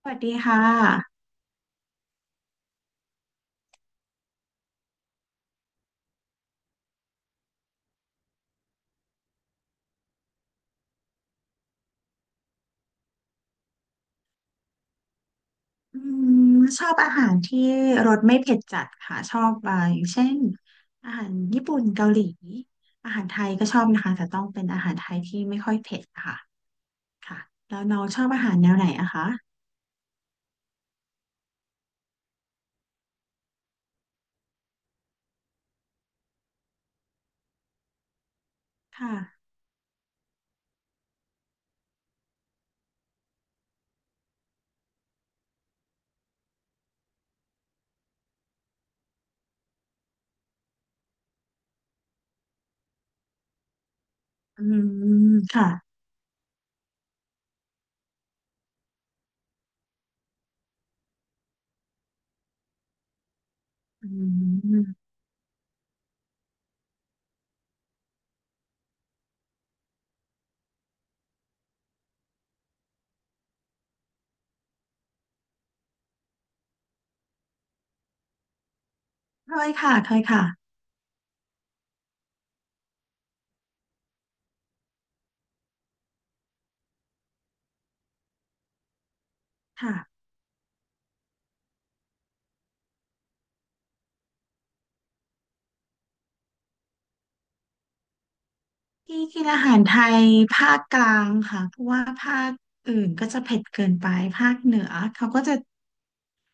สวัสดีค่ะอืมชอบอาหารที่รสไม่เผ็ดจัดค่ะชอบอย่างเช่นอาหารญี่ปุ่นเกาหลีอาหารไทยก็ชอบนะคะแต่ต้องเป็นอาหารไทยที่ไม่ค่อยเผ็ดค่ะค่ะแล้วน้องชอบอาหารแนวไหนอะคะค่ะอืมค่ะอืมเคยค่ะเคยค่ะค่ะที่กินอาหารไทยภาคกลางค่ะเพราะว่าภาคอื่นก็จะเผ็ดเกินไปภาคเหนือเขาก็จะ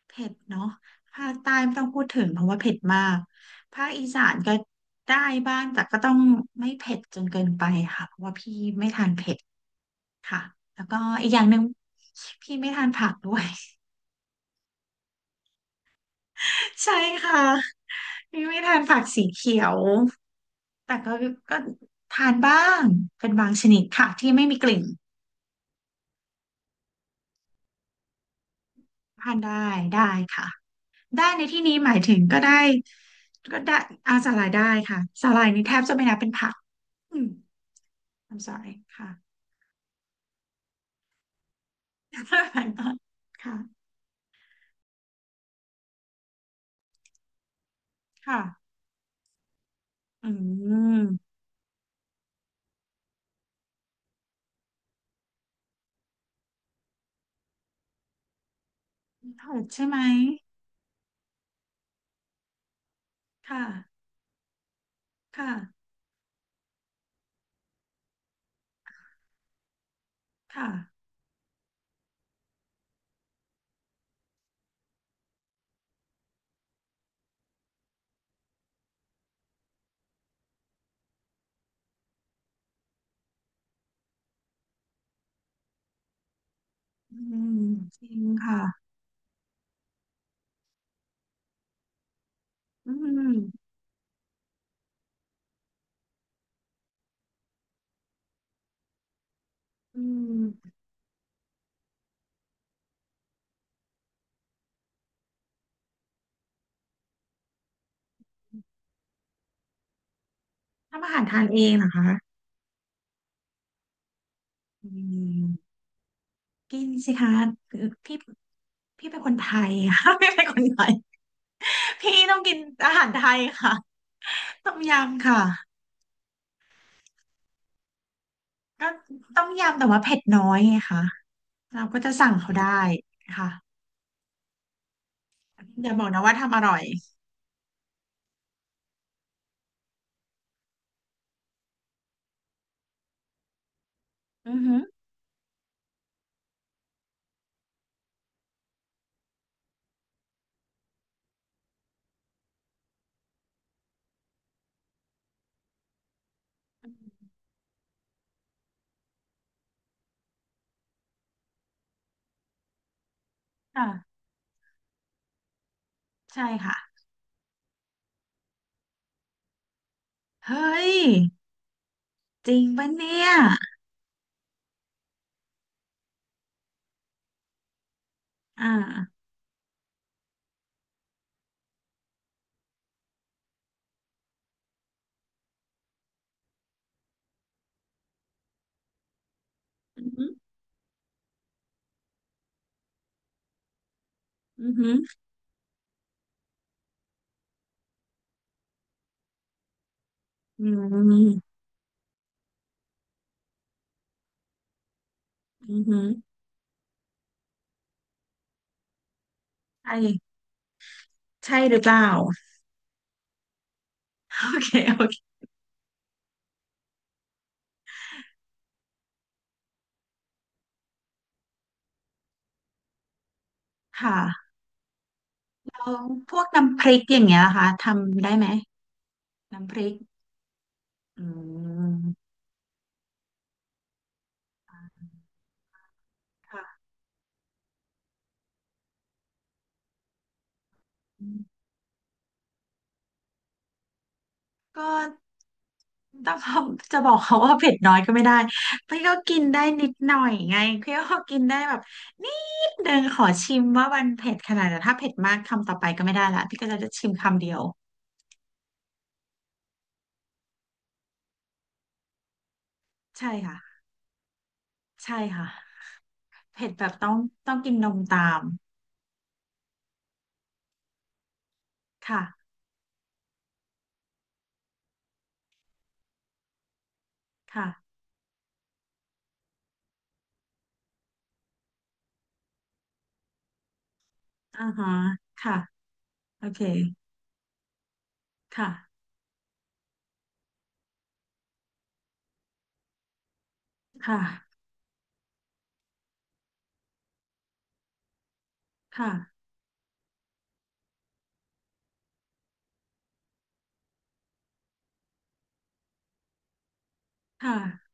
เผ็ดเนาะภาคใต้ไม่ต้องพูดถึงเพราะว่าเผ็ดมากภาคอีสานก็ได้บ้างแต่ก็ต้องไม่เผ็ดจนเกินไปค่ะเพราะว่าพี่ไม่ทานเผ็ดค่ะแล้วก็อีกอย่างหนึ่งพี่ไม่ทานผักด้วย ใช่ค่ะพี่ไม่ทานผักสีเขียวแต่ก็ก็ทานบ้างเป็นบางชนิดค่ะที่ไม่มีกลิ่นทานได้ได้ค่ะได้ในที่นี้หมายถึงก็ได้ก็ได้อาสาหร่ายได้ค่ะสาหร่ายนี่แทบจะไม่นับเป็นผักอืม I'm sorry ค่ะ ค่ะค่ะอืมถอดใช่ไหมค่ะ ค่ะ ค่ะอืมจริงค่ะอืมอืมทำอาหารทานเองเหรอคะอืมกินสิคะคือพี่พี่เป็นคนไทยค่ะ พี่เป็นคนไทยพี่ต้องกินอาหารไทยค่ะ ต้มยำค่ะก็ต้มยำแต่ว่าเผ็ดน้อยไงคะเราก็จะสั่งเขาได้ค่ะอย่าบอกนะว่าทำอร่อยอือฮึ ค่ะใช่ค่ะเฮ้ยจริงปะเนี่ยอ่าอือหืออือหืออืมอือหือใช่ใช่หรือเปล่าโอเคโอเคค่ะแล้วพวกน้ำพริกอย่างเงี้ยนะคะทำได้ไหมน้ำพริกอืมค่ะก็ ต้องเขาจะบอกเขาว่าเผ็ดน้อยก็ไม่ได้พี่ก็กินได้นิดหน่อยไงพี่ก็กินได้แบบนิดเดินงขอชิมว่ามันเผ็ดขนาดไหนแต่ถ้าเผ็ดมากคำต่อไปก็ไม่ได้ละพี่ก็จะชิมคำเดียวใช่ค่ะใช่ค่ะเผ็ดแบบต้องกินนมตามค่ะค่ะอ่าฮะค่ะโอเคค่ะค่ะค่ะค่ะ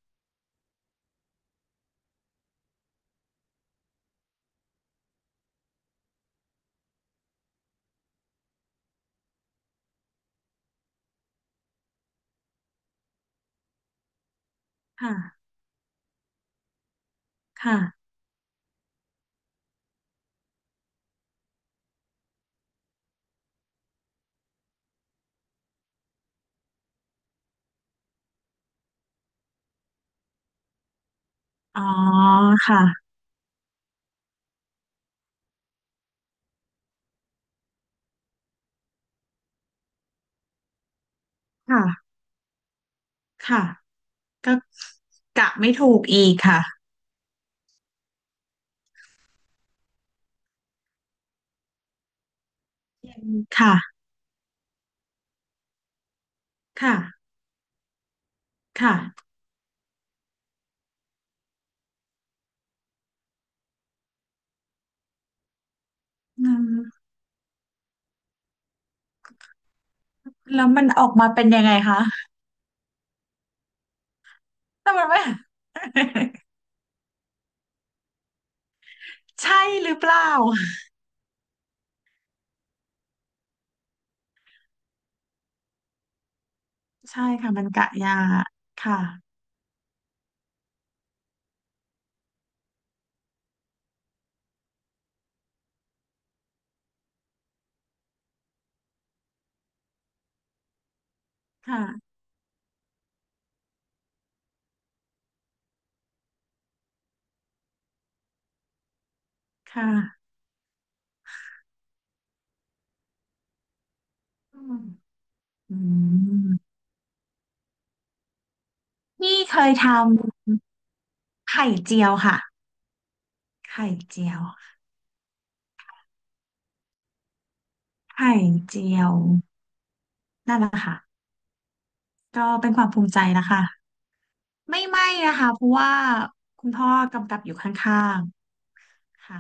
ค่ะค่ะอ๋อค่ะค่ะค่ะก็กะไม่ถูกอีกค่ะค่ะค่ะ ค่ะอืมแล้วมันออกมาเป็นยังไงคะแต่มันไม่ ใช่หรือเปล่าใช่ค่ะมันกะยาค่ะค่ะค่ะอืมอืมนี่เคยทำไข่เจียวค่ะไข่เจียวไข่เจียวนั่นแหละค่ะก็เป็นความภูมิใจนะคะไม่ไหม้นะคะเพราะว่าคุณพ่อกำกับอยู่ข้างๆค่ะ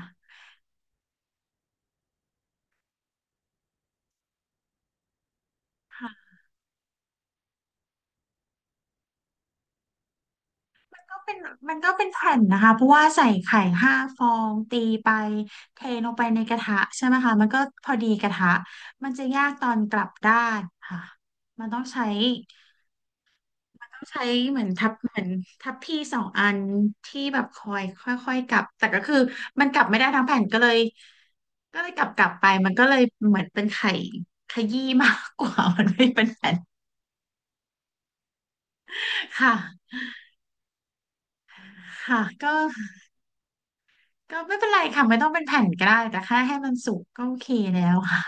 ก็เป็นมันก็เป็นแผ่นนะคะเพราะว่าใส่ไข่5 ฟองตีไปเทลงไปในกระทะใช่ไหมคะมันก็พอดีกระทะมันจะยากตอนกลับด้านค่ะมันต้องใช้ต้องใช้เหมือนทับเหมือนทับพี่2 อันที่แบบคอยค่อยๆกลับแต่ก็คือมันกลับไม่ได้ทั้งแผ่นก็เลยกลับไปมันก็เลยเหมือนเป็นไข่ขยี้มากกว่า มันไม่เป็นแผ่นค่ะค่ะก็ ไม่เป็นไรค่ะไม่ต้องเป็นแผ่นก็ได้แต่แค่ให้มันสุกก็โอเคแล้วค่ะ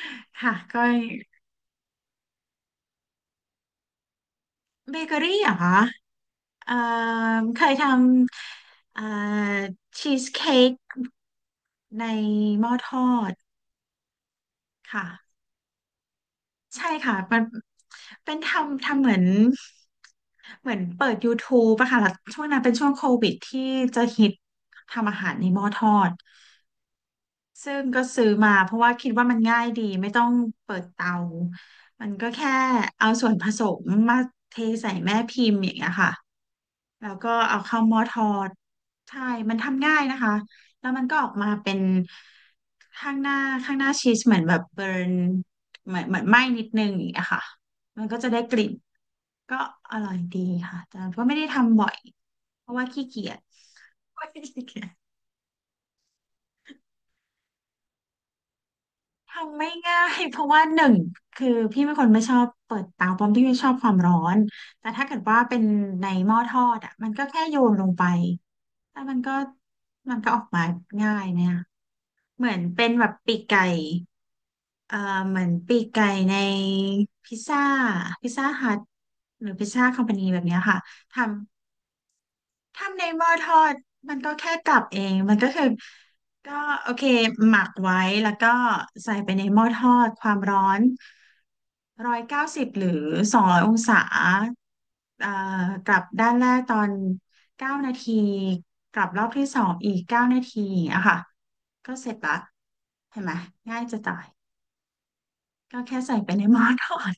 ค่ะก็เบเกอรี่เหรอคะเอ่อเคยทำชีสเค้กในหม้อทอดค่ะใช่ค่ะมันเป็นทำเหมือนเปิด YouTube อะค่ะแล้วช่วงนั้นเป็นช่วงโควิดที่จะฮิตทำอาหารในหม้อทอด ซึ่งก็ซื้อมาเพราะว่าคิดว่ามันง่ายดีไม่ต้องเปิดเตา มันก็แค่เอาส่วนผสมมาเทใส่แม่พิมพ์อย่างเงี้ยค่ะแล้วก็เอาเข้าหม้อทอดใช่มันทำง่ายนะคะแล้วมันก็ออกมาเป็นข้างหน้าข้างหน้าชีสเหมือนแบบเบิร์นเหมือนไหม้นิดนึงอย่างเงี้ยค่ะมันก็จะได้กลิ่นก็อร่อยดีค่ะแต่ก็ไม่ได้ทำบ่อยเพราะว่าขี้เกียจ ทำไม่ง่าย เพราะว่าหนึ่งคือพี่เป็นคนไม่ชอบเปิดเตาเพราะพี่ไม่ชอบความร้อนแต่ถ้าเกิดว่าเป็นในหม้อทอดอ่ะมันก็แค่โยนลงไปแล้วมันก็ออกมาง่ายเนี่ยเหมือนเป็นแบบปีกไก่เอ่อเหมือนปีกไก่ในพิซซ่าพิซซ่าฮัทหรือพิซซ่าคอมพานีแบบเนี้ยค่ะท ทำในหม้อทอดมันก็แค่กลับเองมันก็คือก็โอเคหมักไว้แล้วก็ใส่ไปในหม้อทอดความร้อน190หรือ200องศาอ่ากลับด้านแรกตอนเก้านาทีกลับรอบที่สองอีกเก้านาทีอะค่ะก็เสร็จละเห็นไหมง่ายจะตายก็แค่ใส่ไปในหม้อทอด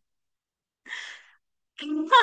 จริงป่ะ